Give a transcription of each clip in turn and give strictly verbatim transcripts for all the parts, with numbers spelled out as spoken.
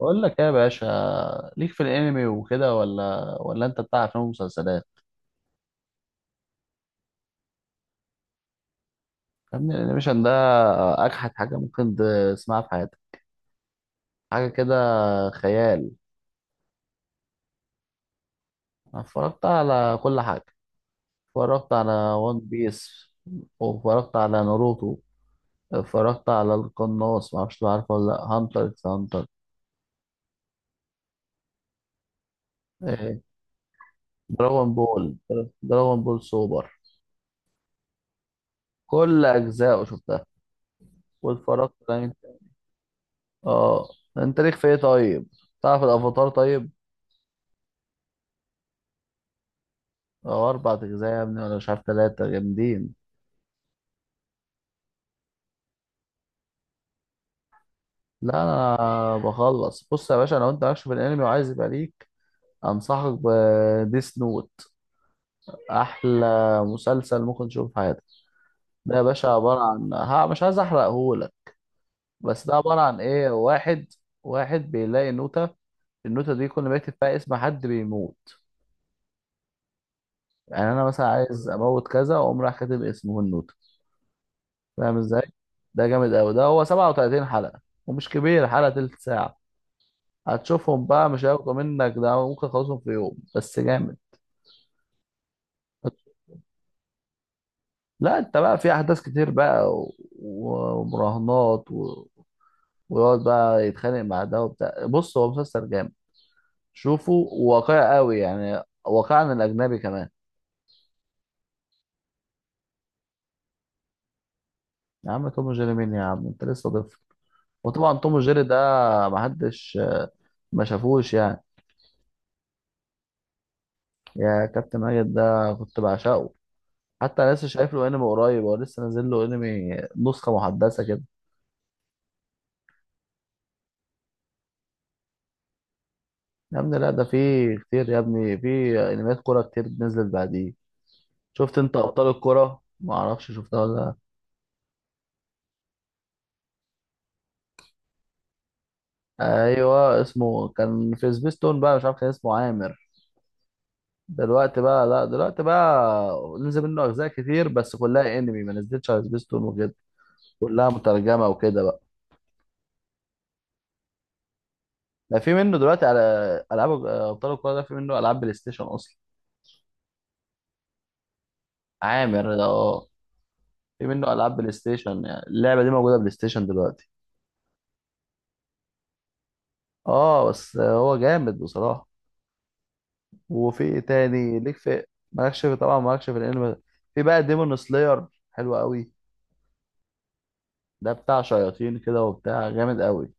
بقول لك ايه يا باشا؟ ليك في الانمي وكده ولا ولا انت بتاع افلام ومسلسلات؟ يا ابني الانيميشن ده اجحد حاجه ممكن تسمعها في حياتك. حاجه كده، خيال. أنا اتفرجت على كل حاجه، اتفرجت على وان بيس، واتفرجت على ناروتو، اتفرجت على القناص، ما اعرفش عارفه ولا لا، هانتر اكس هانتر. إيه، دراغون بول، دراغون بول سوبر، كل اجزائه شفتها. واتفرجت على اه انت ليك في ايه طيب؟ تعرف الافاتار؟ طيب، أو أربع أجزاء يا ابني، ولا مش عارف، تلاتة جامدين. لا أنا بخلص، بص يا باشا، لو أنت مالكش في الأنمي وعايز يبقى ليك، أنصحك بديس نوت، أحلى مسلسل ممكن تشوفه في حياتك. ده يا باشا عبارة عن، ها، مش عايز أحرقهولك، بس ده عبارة عن إيه، واحد، واحد بيلاقي نوتة، النوتة دي كل ما يكتب فيها اسم حد بيموت، يعني أنا مثلا عايز أموت كذا وأقوم رايح كاتب اسمه النوتة. فاهم إزاي؟ ده جامد أوي، ده هو سبعة وتلاتين حلقة، ومش كبير، حلقة تلت ساعة، هتشوفهم بقى، مش هياخدوا منك، ده ممكن تخلصهم في يوم، بس جامد. لا انت بقى في احداث كتير بقى و- و- ومراهنات و... ويقعد بقى يتخانق مع ده وبتاع، بص هو مسلسل جامد، شوفه، واقعي قوي يعني، واقعي عن الاجنبي كمان. يا عم توم وجيري مين يا عم؟ انت لسه طفل. وطبعا توم وجيري ده محدش ما شافوش يعني. يا كابتن ماجد ده كنت بعشقه، حتى انا لسه شايف له انمي قريب، هو لسه نازل له انمي، نسخه محدثه كده. يا ابني لا، ده في كتير يا ابني، في انميات كوره كتير نزلت بعديه. شفت انت ابطال الكوره، ما اعرفش شفتها ولا لا؟ ايوه، اسمه كان في سبيستون بقى، مش عارف، كان اسمه عامر. دلوقتي بقى لا، دلوقتي بقى نزل منه اجزاء كتير، بس كلها انمي، ما نزلتش على سبيستون وكده، كلها مترجمه وكده بقى. ده في منه دلوقتي على العاب ابطال الكوره، ده في منه العاب بلاي ستيشن اصلا. عامر ده، اه. في منه العاب بلاي ستيشن، يعني اللعبه دي موجوده بلاي ستيشن دلوقتي. اه بس هو جامد بصراحه. وفي إيه تاني ليك في، مالكش في طبعا، مالكش في الانمي. في بقى ديمون سلاير، حلو قوي، ده بتاع شياطين كده وبتاع، جامد قوي،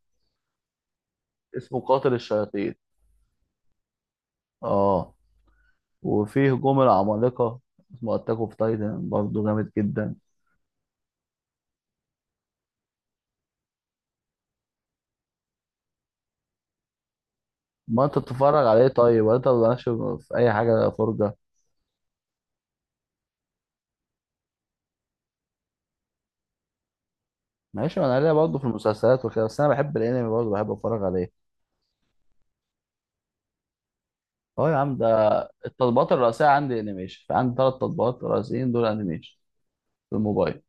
اسمه قاتل الشياطين. اه، وفي هجوم العمالقة، اسمه اتاك اوف تايتن، برضه جامد جدا. ما انت بتتفرج عليه طيب ولا انت مالكش في اي حاجة فرجة؟ ماشي، ما انا ليا برضه في المسلسلات وكده، بس انا بحب الانمي برضه، بحب اتفرج عليه. اه يا عم، ده التطبيقات الرئيسية عندي انيميشن، عندي ثلاث تطبيقات رئيسيين دول انيميشن في الموبايل.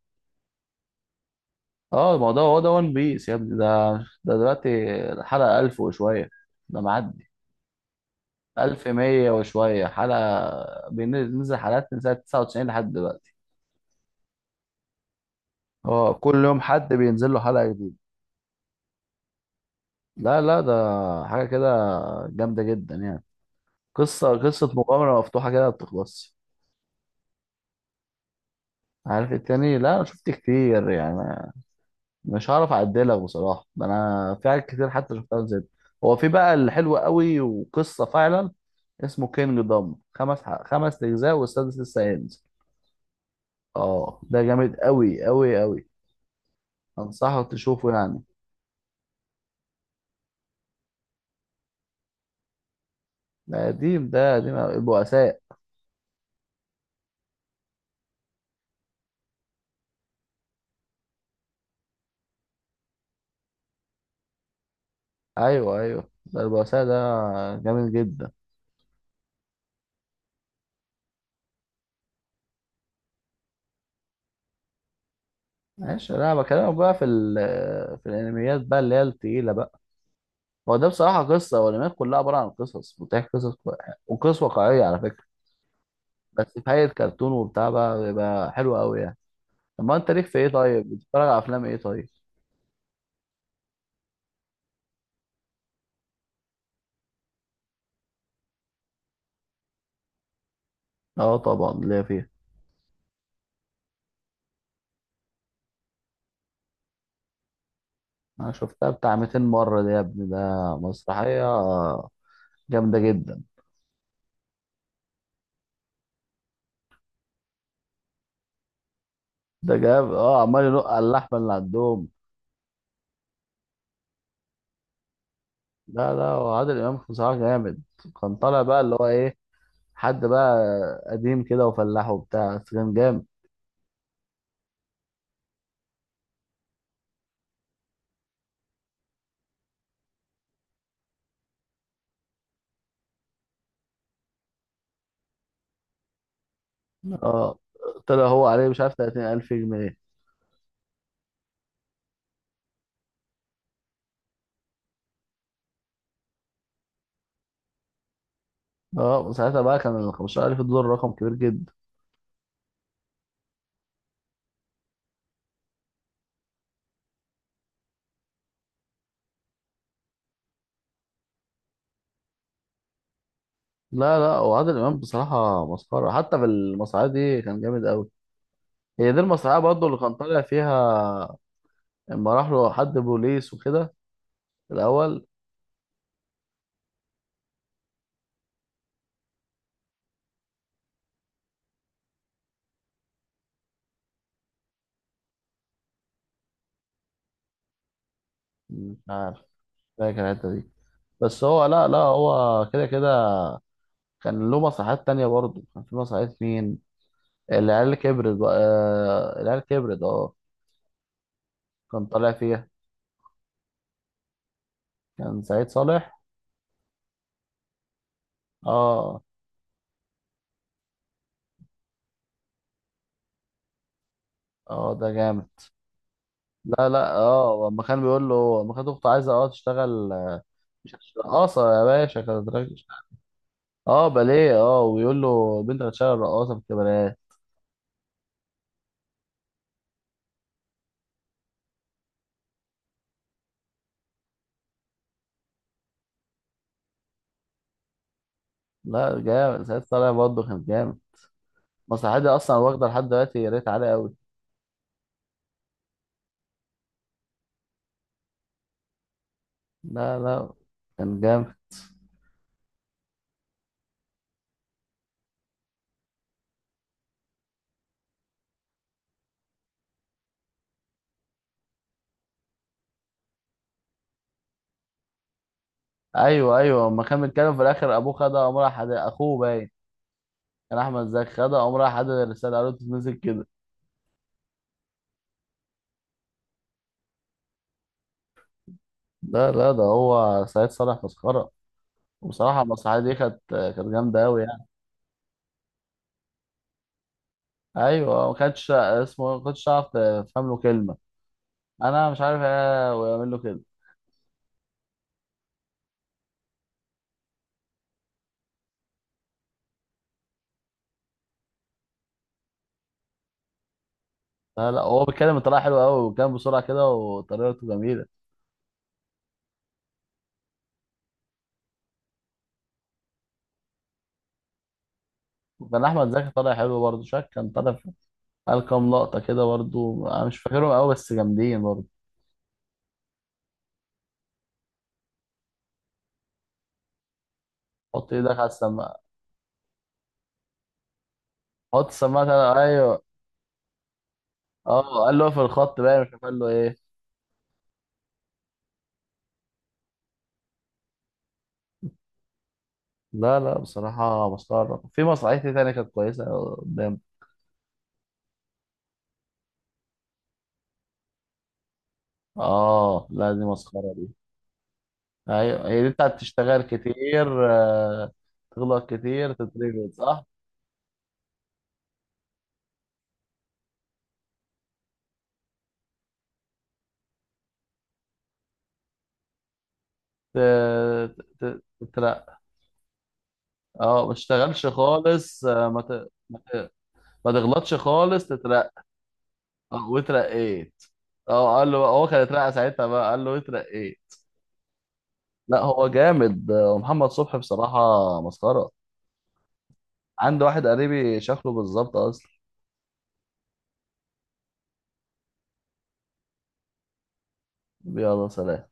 اه ما هو ده، هو ده ون بيس يا ابني، ده ده دلوقتي الحلقة ألف وشوية، ده معدي ألف ومية وشوية حلقة، بينزل حلقات من سنة تسعة وتسعين لحد دلوقتي، هو كل يوم حد بينزل له حلقة جديدة. لا لا، ده حاجة كده جامدة جدا يعني، قصة قصة مغامرة مفتوحة كده ما بتخلصش. عارف التاني؟ لا انا شفت كتير يعني، مش هعرف اعدلك بصراحه، ده انا في حاجات كتير حتى شفتها زي دي. هو في بقى اللي حلو قوي وقصه فعلا، اسمه كينج دوم، خمس ح... خمس اجزاء والسادس لسه هينزل. اه، ده جامد قوي قوي قوي، انصحك تشوفه يعني. ده قديم، ده قديم أوي. البؤساء. ايوه ايوه، ده البؤساء ده جامد جدا. ماشي، لا بكلمك بقى في ال... في الانميات بقى اللي هي التقيله بقى، هو ده بصراحه قصه، والانميات كلها عباره عن قصص، بتحكي قصص كو- وقصص واقعيه على فكره، بس في حاجة كرتون وبتاع بقى بيبقى حلو قوي يعني. طب ما انت ليك في ايه طيب؟ بتتفرج على افلام ايه طيب؟ اه طبعا ليا فيها. انا شفتها بتاع ميتين مرة دي يا ابني، ده مسرحية جامدة جدا. ده جاب، اه، عمال ينق على اللحمة اللي عندهم. لا لا، وعادل امام بصراحة جامد، كان طالع بقى اللي هو ايه، حد بقى قديم كده وفلاح وبتاع، بس كان جامد. اه طلع هو عليه مش عارف تلاتين ألف جنيه. اه وساعتها بقى كان ال خمسة عشر ألف دول رقم كبير جدا. لا لا، وعادل امام بصراحه مسخره، حتى في المسرحيه دي كان جامد قوي. هي دي المسرحيه برضه اللي كان طالع فيها لما راح له حد بوليس وكده في الاول، مش عارف، فاكر الحته دي؟ بس هو لا لا، هو كده كده كان له مسرحيات تانية برضه. كان في مسرحيه مين، العيال كبرت بقى، آه، العيال كبرت، اه، كان طالع فيها كان سعيد صالح، اه. اه ده جامد. لا لا اه، لما كان بيقول له، لما كانت اخته عايزه اه تشتغل، آه، مش هتشتغل- اه صار يا باشا، كانت، اه، باليه، اه، ويقول له بنت هتشتغل رقاصه في الكباريه. لا جامد، سعيد طالع برضه كان جامد، مسرحيه دي اصلا واخده لحد دلوقتي ريت عالي قوي. لا لا كان جامد. ايوه ايوه، اما كان بيتكلم في الاخر ابوه خدها، قام راح حد- اخوه باين كان احمد زكي خدها، قام راح حدد الرساله، قالوا تتمسك كده. لا لا، ده هو سعيد صالح مسخره، وبصراحه المسرحيه دي كانت كانت جامده قوي يعني. ايوه ما كانتش اسمه إيه، ما كنتش اعرف تفهم له كلمه، انا مش عارف ايه ويعمل له كده. لا لا هو بيتكلم بطريقه حلوه قوي، وكان بسرعه كده وطريقته جميله. وكان احمد زكي طالع حلو برضه، شاك، كان طالع في قال كام لقطه كده برضه، انا مش فاكرهم قوي بس جامدين برضه. حط ايدك على السماعه. حط السماعه تعالى. ايوه، اه، قال له في الخط بقى، مش عارف قال له ايه. لا لا بصراحه مسخره. في مسرحيه إيه تانية كانت كويسه قدام؟ اه لا دي مسخره دي. ايوه هي دي بتاعت تشتغل كتير، آه، تغلط كتير تتربط، صح؟ ت- ت- تترقى، اه، ما اشتغلش خالص، آه، ما ت... ما تغلطش خالص تترقى. آه، واترقيت. اه قال له، هو كان اترقى ساعتها بقى قال له اترقيت. لا هو جامد، آه، ومحمد صبحي بصراحة مسخرة، عنده واحد قريبي شكله بالظبط اصلا. يلا سلام.